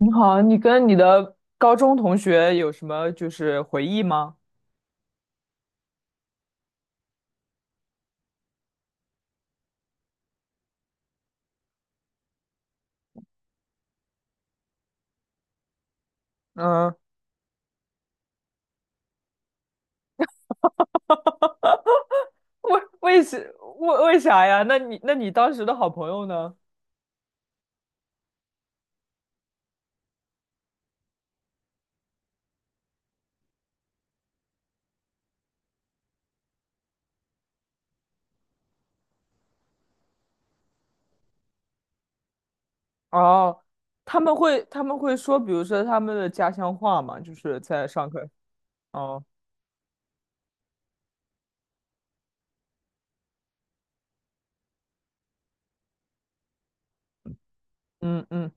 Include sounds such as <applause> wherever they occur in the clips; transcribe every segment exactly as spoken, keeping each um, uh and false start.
你好，你跟你的高中同学有什么就是回忆吗？嗯。<laughs> 为为什为为啥呀？那你那你当时的好朋友呢？哦，他们会他们会说，比如说他们的家乡话嘛，就是在上课。哦，嗯嗯。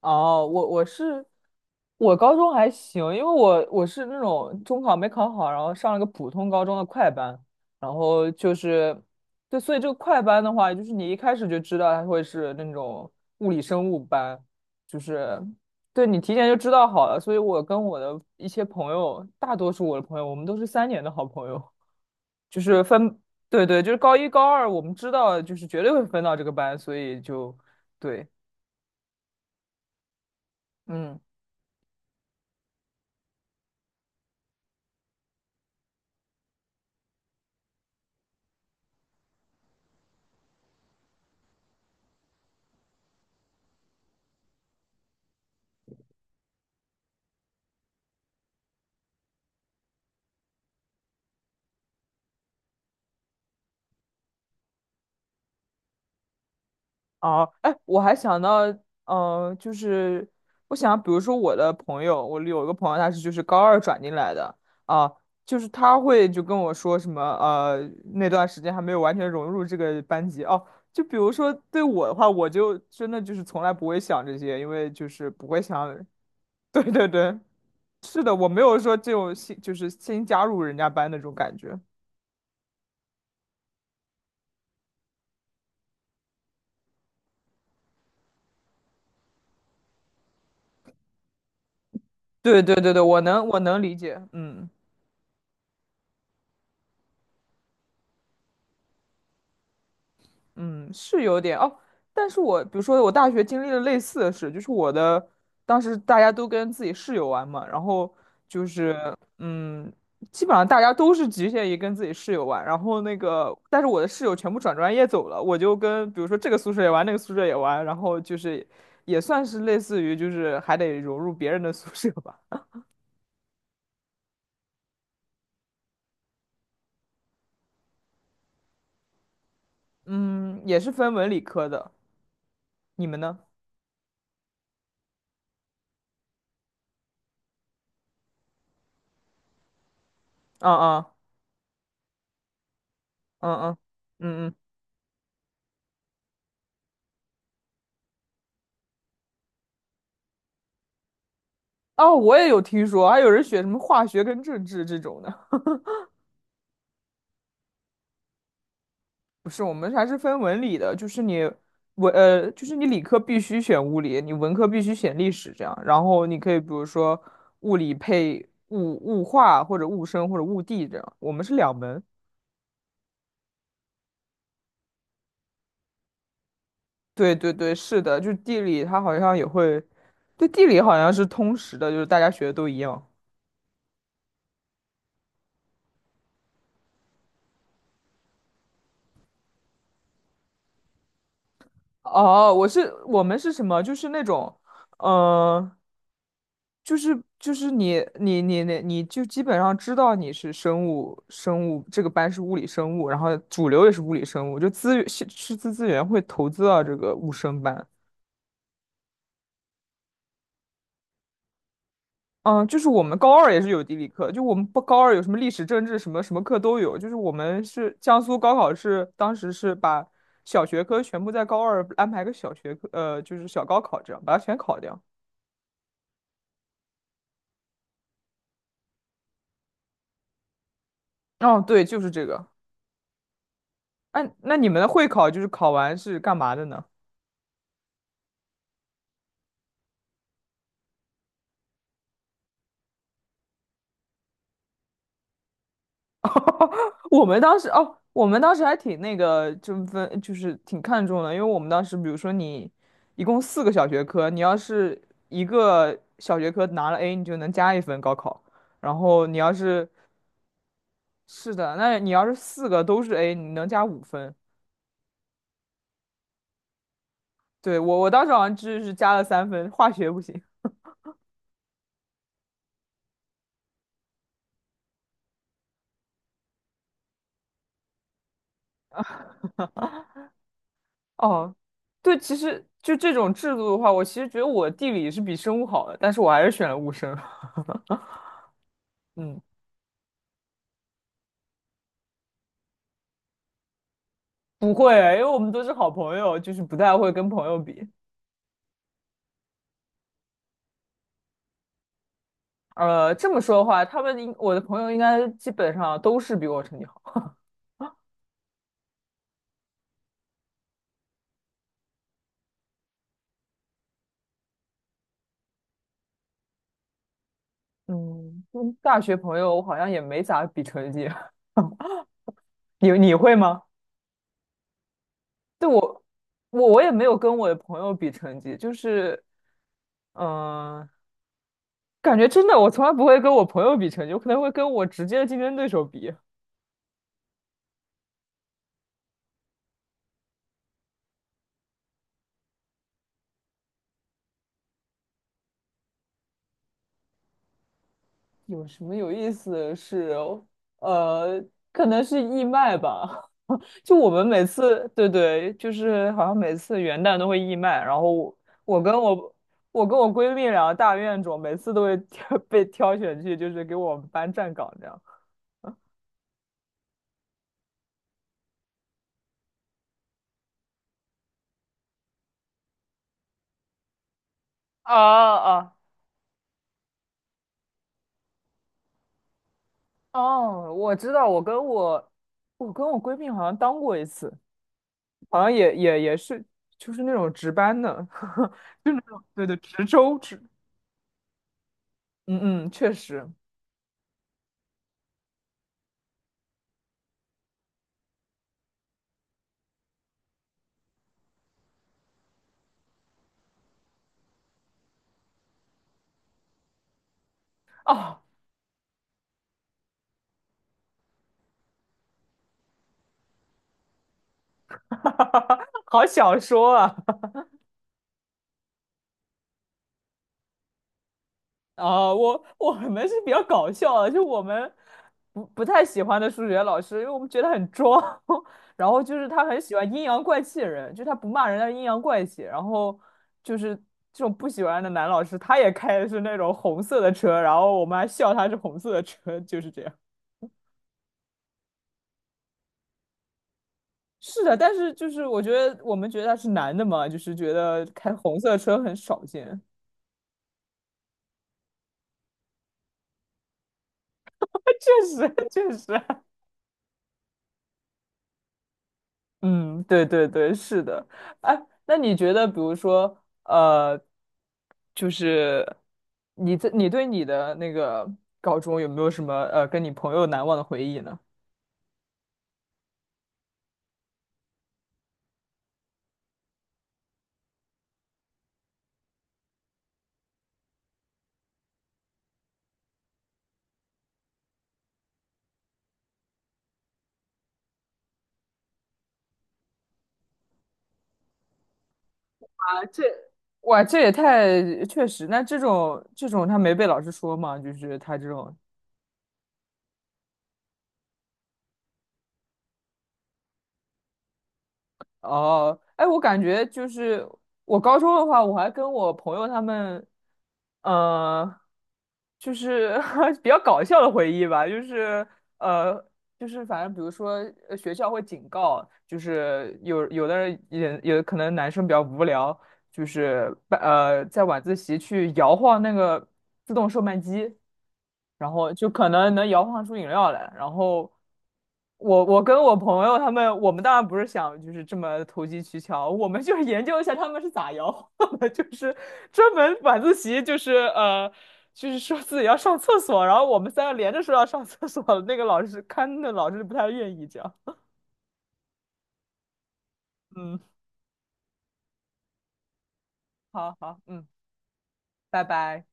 哦，我我是我高中还行，因为我我是那种中考没考好，然后上了个普通高中的快班，然后就是对，所以这个快班的话，就是你一开始就知道它会是那种物理生物班，就是对你提前就知道好了，所以我跟我的一些朋友，大多数我的朋友，我们都是三年的好朋友，就是分，对对，就是高一高二，我们知道就是绝对会分到这个班，所以就对，嗯。哦，哎，我还想到，呃，就是我想，比如说我的朋友，我有一个朋友，他是就是高二转进来的啊，就是他会就跟我说什么，呃，那段时间还没有完全融入这个班级哦。就比如说对我的话，我就真的就是从来不会想这些，因为就是不会想。<laughs> 对对对，是的，我没有说这种新就是新加入人家班那种感觉。对对对对，我能我能理解，嗯。嗯，是有点哦，但是我比如说我大学经历了类似的事，就是我的当时大家都跟自己室友玩嘛，然后就是嗯，基本上大家都是局限于跟自己室友玩，然后那个但是我的室友全部转专业走了，我就跟比如说这个宿舍也玩，那个宿舍也玩，然后就是也算是类似于就是还得融入别人的宿舍吧。<laughs> 嗯，也是分文理科的，你们呢？嗯嗯嗯嗯嗯嗯。哦，我也有听说，还有人选什么化学跟政治这种的。不是，我们还是分文理的，就是你文呃，就是你理科必须选物理，你文科必须选历史，这样。然后你可以比如说物理配物物化或者物生或者物地这样。我们是两门。对对对，是的，就地理它好像也会，对地理好像是通识的，就是大家学的都一样。哦，我是我们是什么？就是那种，嗯、就是就是你你你你你就基本上知道你是生物生物这个班是物理生物，然后主流也是物理生物，就资源是师资资源会投资到这个物生班。嗯，就是我们高二也是有地理课，就我们不高二有什么历史、政治什么什么课都有，就是我们是江苏高考是当时是把小学科全部在高二安排个小学科，呃，就是小高考这样把它全考掉。哦，对，就是这个。哎，那你们的会考就是考完是干嘛的呢？我们当时哦，我们当时还挺那个，就分就是挺看重的，因为我们当时比如说你一共四个小学科，你要是一个小学科拿了 A，你就能加一分高考，然后你要是是的，那你要是四个都是 A，你能加五分。对，我我当时好像就是加了三分，化学不行。哦，对，其实就这种制度的话，我其实觉得我地理是比生物好的，但是我还是选了物生。<laughs> 嗯，不会，因为我们都是好朋友，就是不太会跟朋友比。呃，这么说的话，他们应我的朋友应该基本上都是比我成绩好。嗯，嗯大学朋友我好像也没咋比成绩。<laughs> 你你会吗？对我，我我也没有跟我的朋友比成绩，就是，嗯、感觉真的我从来不会跟我朋友比成绩，我可能会跟我直接的竞争对手比。有什么有意思的事哦？呃，可能是义卖吧。<laughs> 就我们每次，对对，就是好像每次元旦都会义卖，然后我我跟我我跟我闺蜜两个大怨种，每次都会挑 <laughs> 被挑选去，就是给我们班站岗这样。啊啊哦，我知道，我跟我我跟我闺蜜好像当过一次，好像也也也是就是那种值班的，<laughs> 就那种对对值周值，嗯嗯，确实。哦。<laughs> 好小说啊！<laughs> 啊、我我们是比较搞笑的，就我们不不太喜欢的数学老师，因为我们觉得很装。<laughs> 然后就是他很喜欢阴阳怪气的人，就他不骂人，但是阴阳怪气。然后就是这种不喜欢的男老师，他也开的是那种红色的车，然后我们还笑他是红色的车。<laughs> 就是这样。是的，但是就是我觉得我们觉得他是男的嘛，就是觉得开红色车很少见。<laughs> 确实确实。嗯，对对对，是的。哎，那你觉得，比如说，呃，就是你在你对你的那个高中有没有什么呃跟你朋友难忘的回忆呢？啊，这哇，这也太确实。那这种这种他没被老师说嘛？就是他这种哦，哎，我感觉就是我高中的话，我还跟我朋友他们，呃，就是 <laughs> 比较搞笑的回忆吧，就是呃，就是反正比如说呃学校会警告，就是有有的人也有可能男生比较无聊，就是呃在晚自习去摇晃那个自动售卖机，然后就可能能摇晃出饮料来。然后我我跟我朋友他们，我们当然不是想就是这么投机取巧，我们就是研究一下他们是咋摇晃的。<laughs> 就是专门晚自习就是呃。就是说自己要上厕所，然后我们三个连着说要上厕所，那个老师看的老师不太愿意这样。嗯，好好，嗯，拜拜。